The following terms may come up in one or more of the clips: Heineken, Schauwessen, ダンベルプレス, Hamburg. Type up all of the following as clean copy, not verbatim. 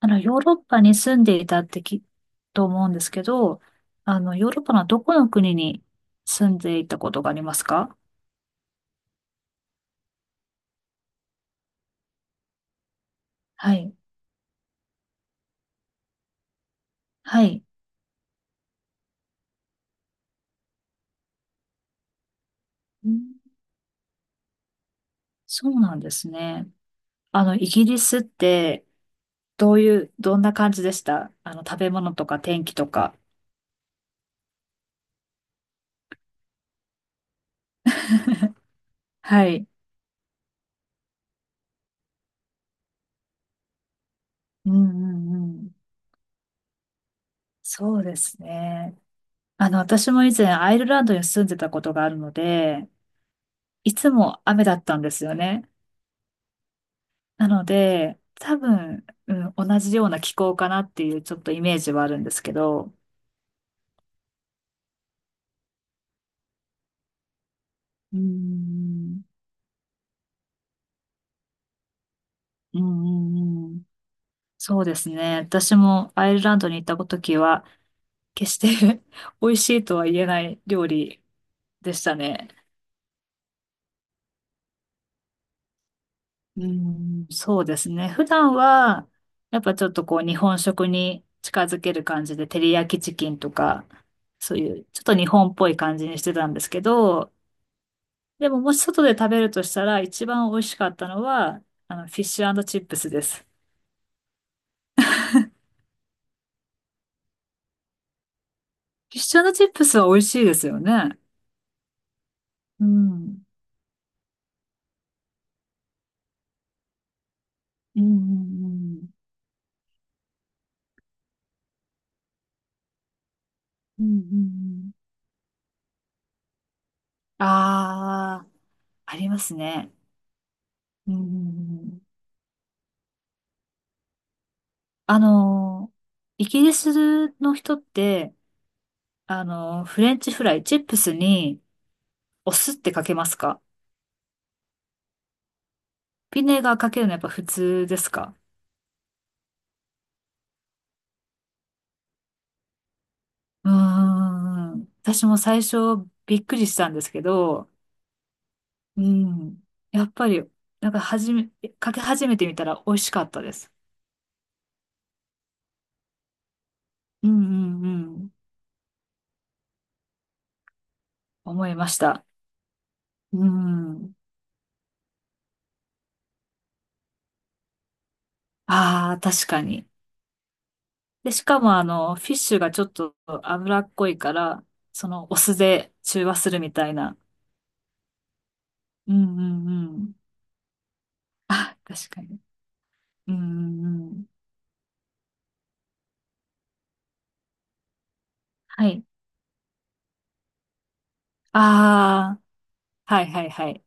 ヨーロッパに住んでいたってきっと思うんですけど、ヨーロッパのどこの国に住んでいたことがありますか？はい。はい。うん。そうなんですね。イギリスって、どういう、どんな感じでした？食べ物とか天気とか。はい。うんうんうん。そうですね。私も以前アイルランドに住んでたことがあるので、いつも雨だったんですよね。なので、多分、うん、同じような気候かなっていうちょっとイメージはあるんですけど、うーん、うん、うんうん、そうですね。私もアイルランドに行った時は、決して 美味しいとは言えない料理でしたね。うん、そうですね。普段は、やっぱちょっとこう日本食に近づける感じで、照り焼きチキンとか、そういうちょっと日本っぽい感じにしてたんですけど、でももし外で食べるとしたら、一番美味しかったのは、フィッシュチップスです。フィッシュチップスは美味しいですよね。うん。うんうんうん。うんうんうん。ああ、ありますね。うんうんうん。あのイギリスの人って、あのー、フレンチフライ、チップスにお酢ってかけますか？ビネガーかけるのやっぱ普通ですか？うーん。私も最初びっくりしたんですけど、うん。やっぱり、なんか始め、かけ始めてみたら美味しかったです。うんうんうん。思いました。うん。ああ、確かに。で、しかもフィッシュがちょっと脂っこいから、そのお酢で中和するみたいな。うんうんうん。確かに。うんうんうん。はい。ああ、はいはいはい。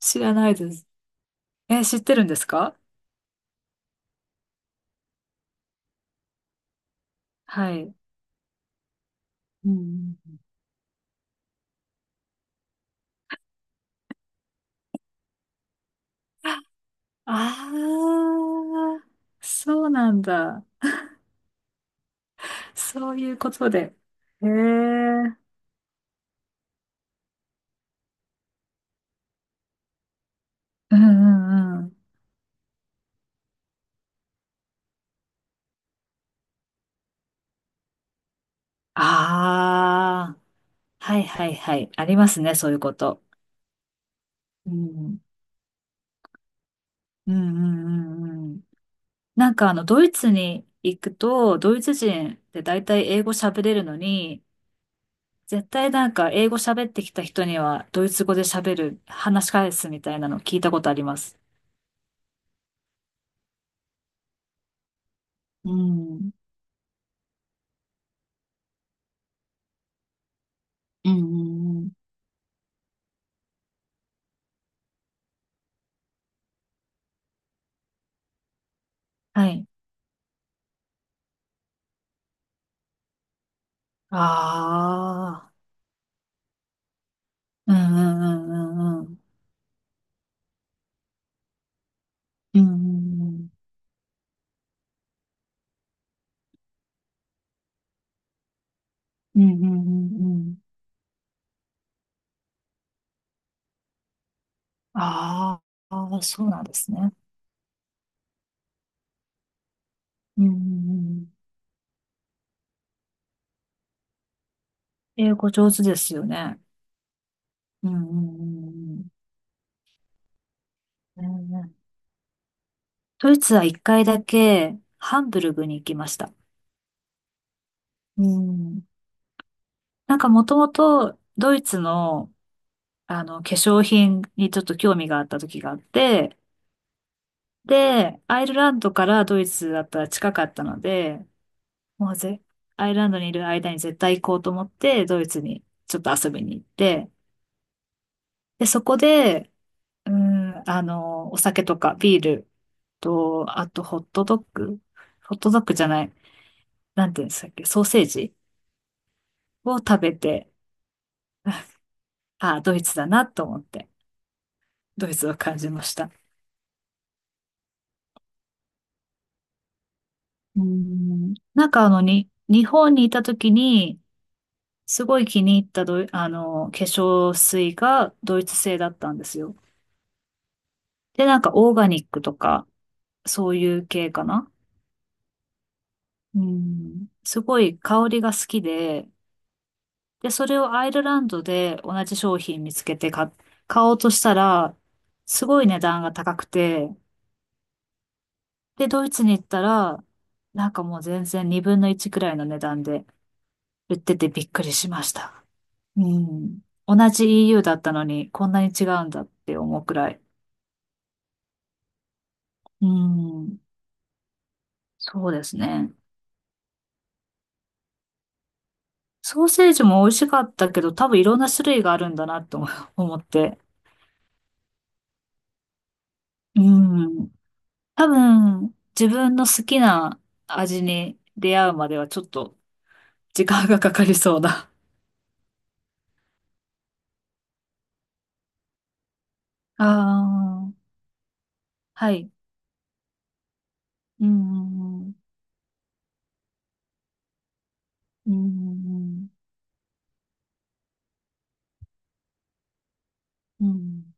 知らないです。え、知ってるんですか？はい。うんうん。ああ、そうなんだ。そういうことで。へえ。うんうんうん。ああ、はいはいはい。ありますね、そういうこと。うん。うんうんうんうん。なんかドイツに行くと、ドイツ人って大体英語喋れるのに、絶対なんか英語喋ってきた人には、ドイツ語で話し返すみたいなの聞いたことあります。うん。うんうんうん。はい。ああ。うんうんうんうんうん。うんうんうん。うんうんうんうん。あーあー、そうなんですね。うんうんうん。英語上手ですよね。うんうんうんうん。ねえ、ドイツは一回だけハンブルグに行きました。うん。なんかもともとドイツの、あの化粧品にちょっと興味があった時があって、で、アイルランドからドイツだったら近かったので、もうぜ、アイルランドにいる間に絶対行こうと思って、ドイツにちょっと遊びに行って、で、そこで、うん、お酒とかビールと、あとホットドッグ、ホットドッグじゃない。なんていうんでしたっけ？ソーセージを食べて、ああ、ドイツだなと思って、ドイツを感じました。うん、なんか日本にいた時に、すごい気に入ったドイ、あの、化粧水がドイツ製だったんですよ。で、なんかオーガニックとか、そういう系かな。うん、すごい香りが好きで、で、それをアイルランドで同じ商品見つけて買おうとしたら、すごい値段が高くて、で、ドイツに行ったら、なんかもう全然2分の1くらいの値段で売っててびっくりしました。うん。同じ EU だったのにこんなに違うんだって思うくらい。うん。そうですね。ソーセージも美味しかったけど、多分いろんな種類があるんだなって思 思って。うん。多分、自分の好きな味に出会うまではちょっと時間がかかりそうだ。ああ、はい。うん、うん、うん、うん。うん。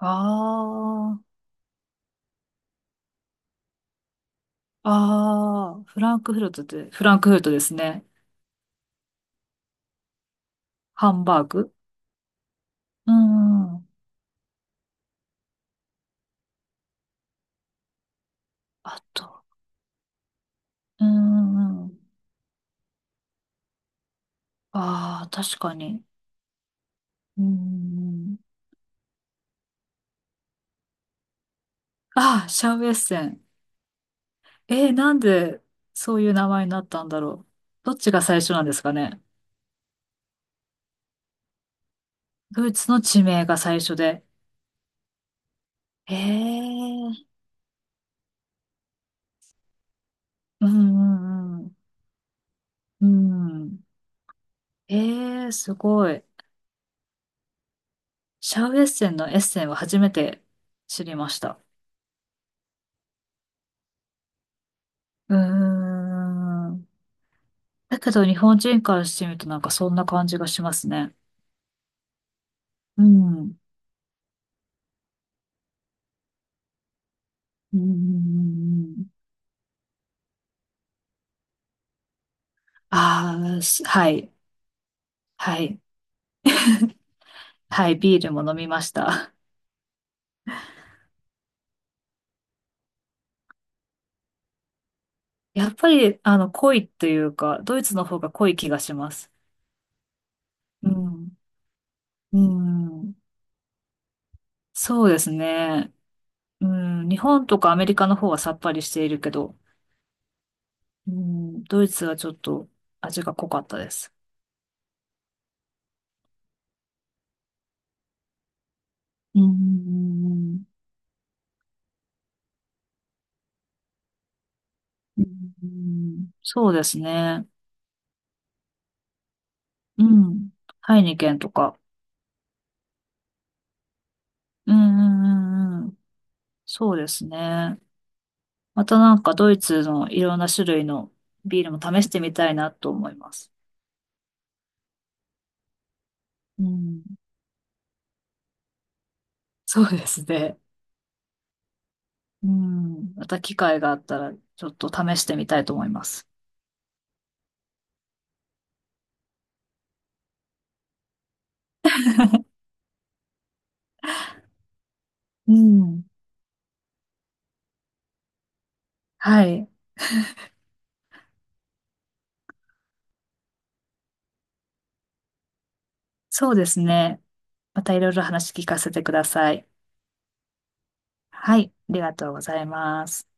ああ、ああ、フランクフルトって、フランクフルトですね。ハンバーグ。うん、うん。あと、うん、うん。ああ、確かに。うん。ああ、シャウエッセン。えー、なんでそういう名前になったんだろう。どっちが最初なんですかね？ドイツの地名が最初で。へえ、うんうんうん。うん。ええ、すごい。シャウエッセンのエッセンは初めて知りました。うーん。だけど日本人からしてみるとなんかそんな感じがしますね。うん。うんうんうんうん。ああー、はい。はい。はい。ビールも飲みました。やっぱり、濃いというか、ドイツの方が濃い気がします。うん。うん。そうですね。うん、日本とかアメリカの方はさっぱりしているけど、うん、ドイツはちょっと味が濃かったです。うん。うん。そうですね。うん。ハイニケンとか。うんうんうんうん。そうですね。またなんかドイツのいろんな種類のビールも試してみたいなと思います。うん。そうですね。うん。また機会があったらちょっと試してみたいと思います。うん。はい。そうですね。またいろいろ話聞かせてください。はい、ありがとうございます。